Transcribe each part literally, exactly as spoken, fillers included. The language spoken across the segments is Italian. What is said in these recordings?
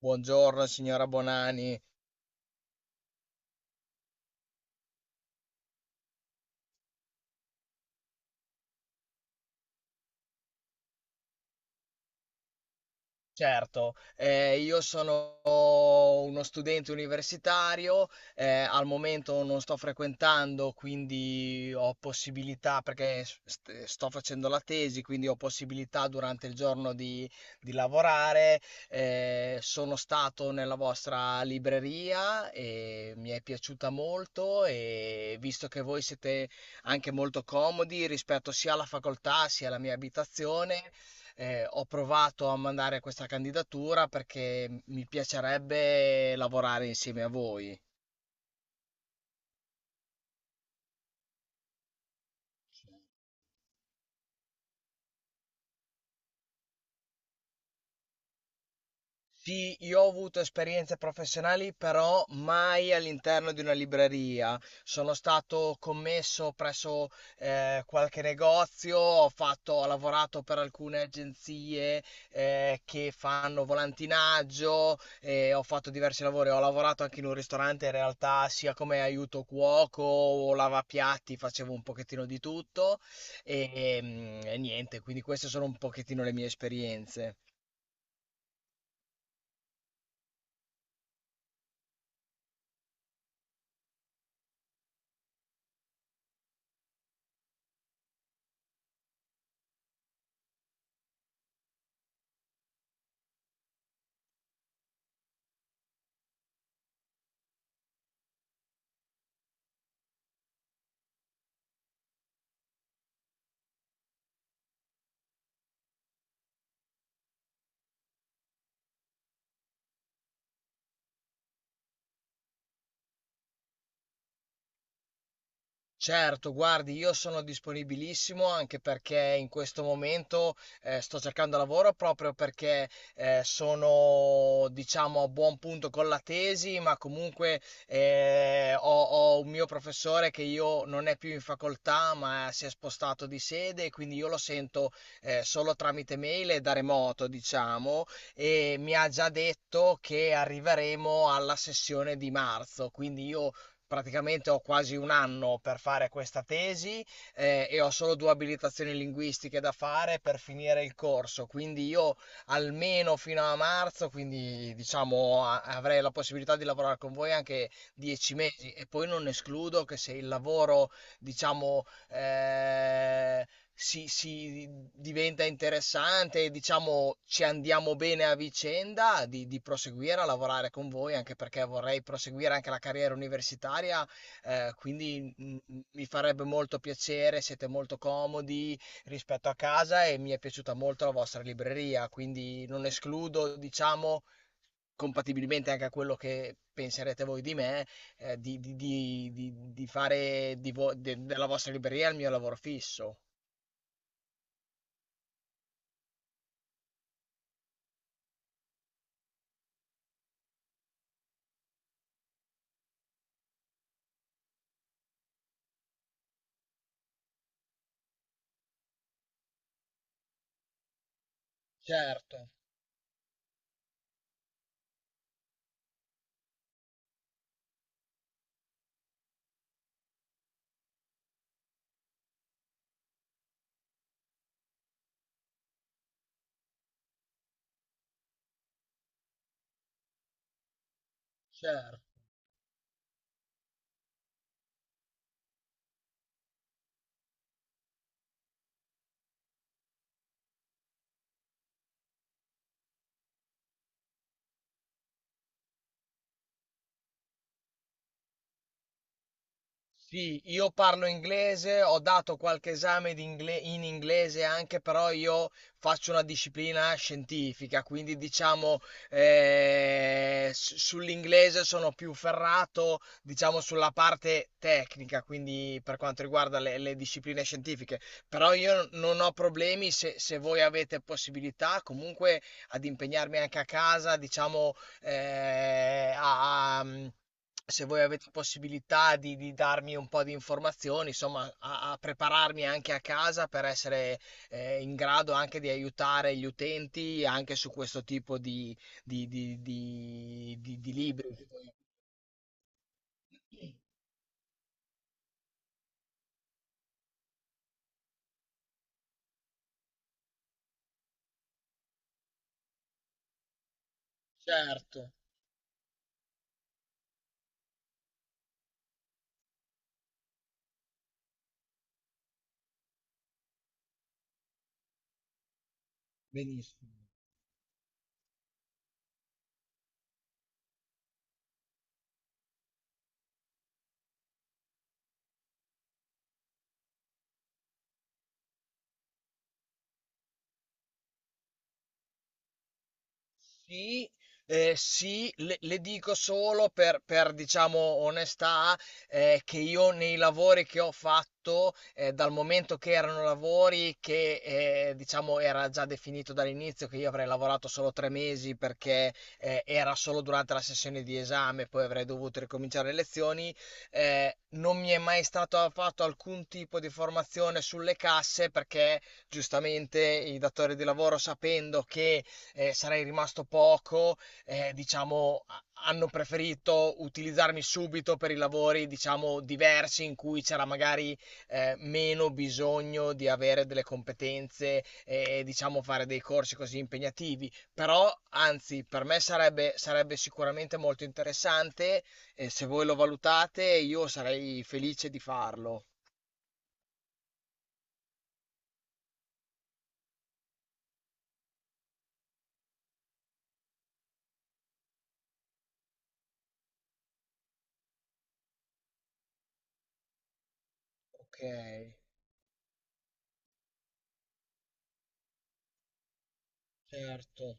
Buongiorno signora Bonani, certo, eh, io sono uno studente universitario. Eh, al momento non sto frequentando, quindi ho possibilità, perché st- sto facendo la tesi, quindi ho possibilità durante il giorno di, di lavorare. Eh, sono stato nella vostra libreria e mi è piaciuta molto, e visto che voi siete anche molto comodi rispetto sia alla facoltà sia alla mia abitazione. Eh, ho provato a mandare questa candidatura perché mi piacerebbe lavorare insieme a voi. Sì, io ho avuto esperienze professionali, però mai all'interno di una libreria. Sono stato commesso presso eh, qualche negozio, ho fatto- ho lavorato per alcune agenzie eh, che fanno volantinaggio. Eh, ho fatto diversi lavori, ho lavorato anche in un ristorante in realtà, sia come aiuto cuoco o lavapiatti, facevo un pochettino di tutto e, e, mm, e niente, quindi queste sono un pochettino le mie esperienze. Certo, guardi, io sono disponibilissimo anche perché in questo momento eh, sto cercando lavoro proprio perché eh, sono, diciamo, a buon punto con la tesi, ma comunque eh, ho, ho un mio professore che io non è più in facoltà, ma si è spostato di sede, e quindi io lo sento eh, solo tramite mail e da remoto, diciamo, e mi ha già detto che arriveremo alla sessione di marzo, quindi io praticamente ho quasi un anno per fare questa tesi, eh, e ho solo due abilitazioni linguistiche da fare per finire il corso, quindi io almeno fino a marzo, quindi diciamo a- avrei la possibilità di lavorare con voi anche dieci mesi, e poi non escludo che, se il lavoro, diciamo, eh, si, si diventa interessante e diciamo ci andiamo bene a vicenda, di, di proseguire a lavorare con voi, anche perché vorrei proseguire anche la carriera universitaria, eh, quindi mm, mm, mi farebbe molto piacere, siete molto comodi rispetto a casa e mi è piaciuta molto la vostra libreria, quindi non escludo, diciamo, compatibilmente anche a quello che penserete voi di me, eh, di, di- di- di- di fare di vo- de- della vostra libreria il mio lavoro fisso. Certo, certo. Sì, io parlo inglese, ho dato qualche esame di ingle- in inglese anche, però io faccio una disciplina scientifica, quindi diciamo eh, s- sull'inglese sono più ferrato, diciamo sulla parte tecnica, quindi per quanto riguarda le, le discipline scientifiche. Però io non ho problemi se, se voi avete possibilità, comunque, ad impegnarmi anche a casa, diciamo eh, a a- se voi avete possibilità di, di darmi un po' di informazioni, insomma, a, a prepararmi anche a casa per essere eh, in grado anche di aiutare gli utenti anche su questo tipo di, di, di, di, di, di libri. Certo, benissimo. Sì, eh, sì, le, le dico solo per, per, diciamo, onestà, eh, che io nei lavori che ho fatto, eh, dal momento che erano lavori che eh, diciamo, era già definito dall'inizio che io avrei lavorato solo tre mesi, perché eh, era solo durante la sessione di esame, poi avrei dovuto ricominciare le lezioni, eh, non mi è mai stato fatto alcun tipo di formazione sulle casse perché, giustamente, i datori di lavoro, sapendo che eh, sarei rimasto poco, eh, diciamo, a- hanno preferito utilizzarmi subito per i lavori, diciamo, diversi, in cui c'era magari eh, meno bisogno di avere delle competenze e, diciamo, fare dei corsi così impegnativi. Però, anzi, per me sarebbe, sarebbe sicuramente molto interessante, e se voi lo valutate, io sarei felice di farlo. Ok, certo,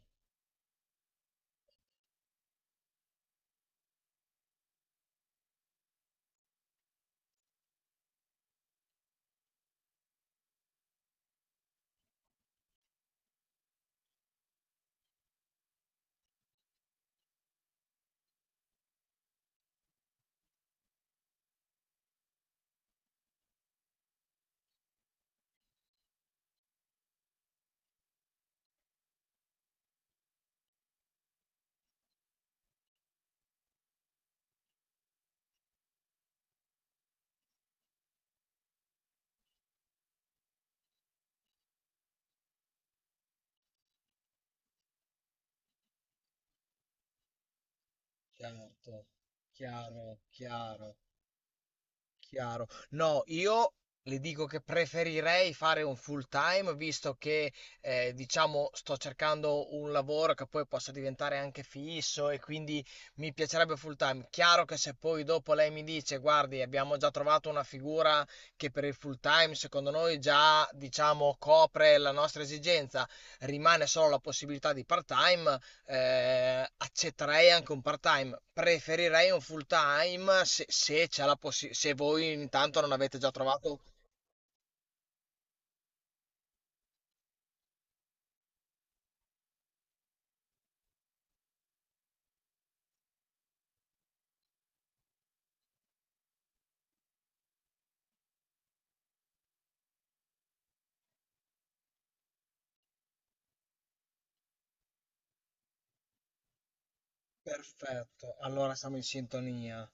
certo, chiaro, chiaro. Chiaro. No, io le dico che preferirei fare un full time, visto che eh, diciamo sto cercando un lavoro che poi possa diventare anche fisso, e quindi mi piacerebbe full time. Chiaro che, se poi dopo lei mi dice, guardi, abbiamo già trovato una figura che per il full time secondo noi già diciamo copre la nostra esigenza, rimane solo la possibilità di part time, eh, accetterei anche un part-time, preferirei un full-time se, se c'è la possi- se voi intanto non avete già trovato. Perfetto, allora siamo in sintonia.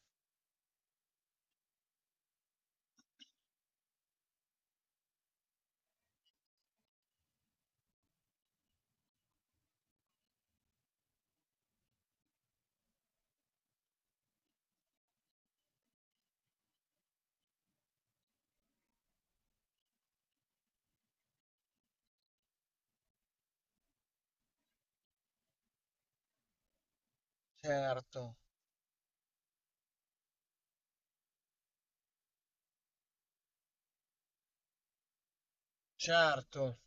Certo, certo.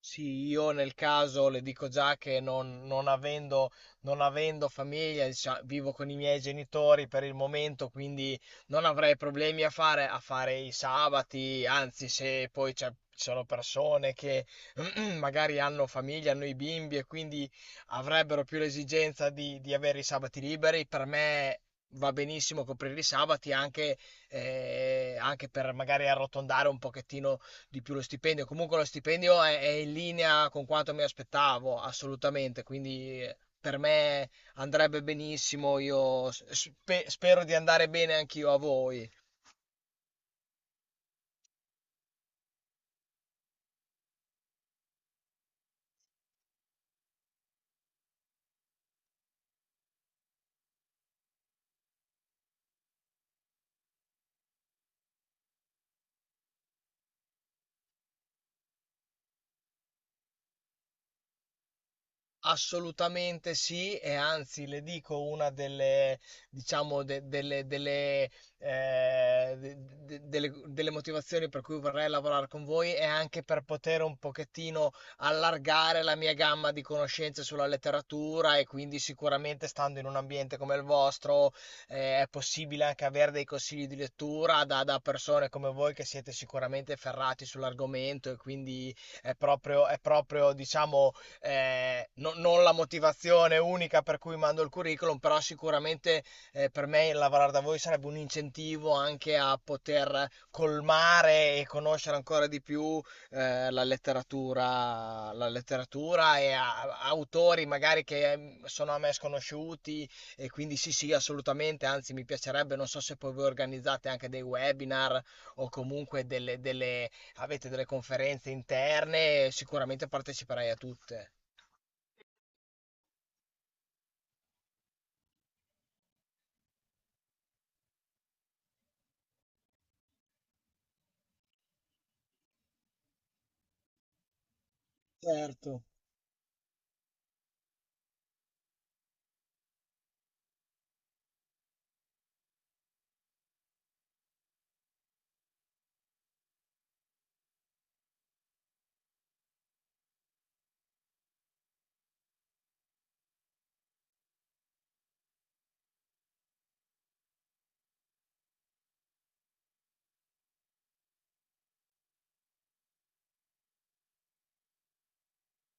Sì, io nel caso le dico già che non, non avendo, non avendo famiglia, dicia- vivo con i miei genitori per il momento, quindi non avrei problemi a fare, a fare i sabati, anzi, se poi c'è- ci sono persone che magari hanno famiglia, hanno i bimbi e quindi avrebbero più l'esigenza di, di avere i sabati liberi, per me va benissimo coprire i sabati anche, eh, anche per magari arrotondare un pochettino di più lo stipendio. Comunque lo stipendio è, è in linea con quanto mi aspettavo, assolutamente. Quindi eh, per me andrebbe benissimo. Io spe- spero di andare bene anch'io a voi. Assolutamente sì, e anzi le dico una delle, diciamo, de- delle, delle, eh, de- de- delle- delle motivazioni per cui vorrei lavorare con voi è anche per poter un pochettino allargare la mia gamma di conoscenze sulla letteratura, e quindi sicuramente stando in un ambiente come il vostro, eh, è possibile anche avere dei consigli di lettura da, da persone come voi che siete sicuramente ferrati sull'argomento, e quindi è proprio, è proprio, diciamo, eh, no- non la motivazione unica per cui mando il curriculum, però sicuramente eh, per me lavorare da voi sarebbe un incentivo anche a poter colmare e conoscere ancora di più eh, la letteratura, la letteratura, e a- a autori magari che eh, sono a me sconosciuti, e quindi sì, sì, assolutamente, anzi mi piacerebbe, non so se poi voi organizzate anche dei webinar o comunque delle delle- avete delle conferenze interne, sicuramente parteciperai a tutte. Certo,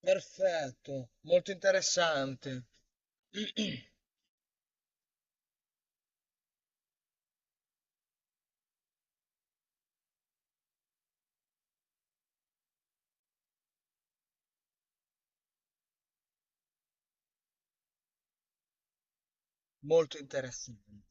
perfetto, molto interessante. Molto interessante.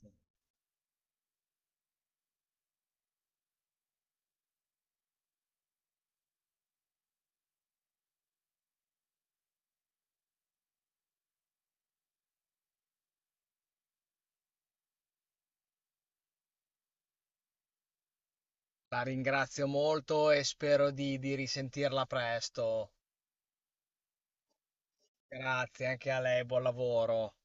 La ringrazio molto e spero di, di risentirla presto. Grazie anche a lei, buon lavoro.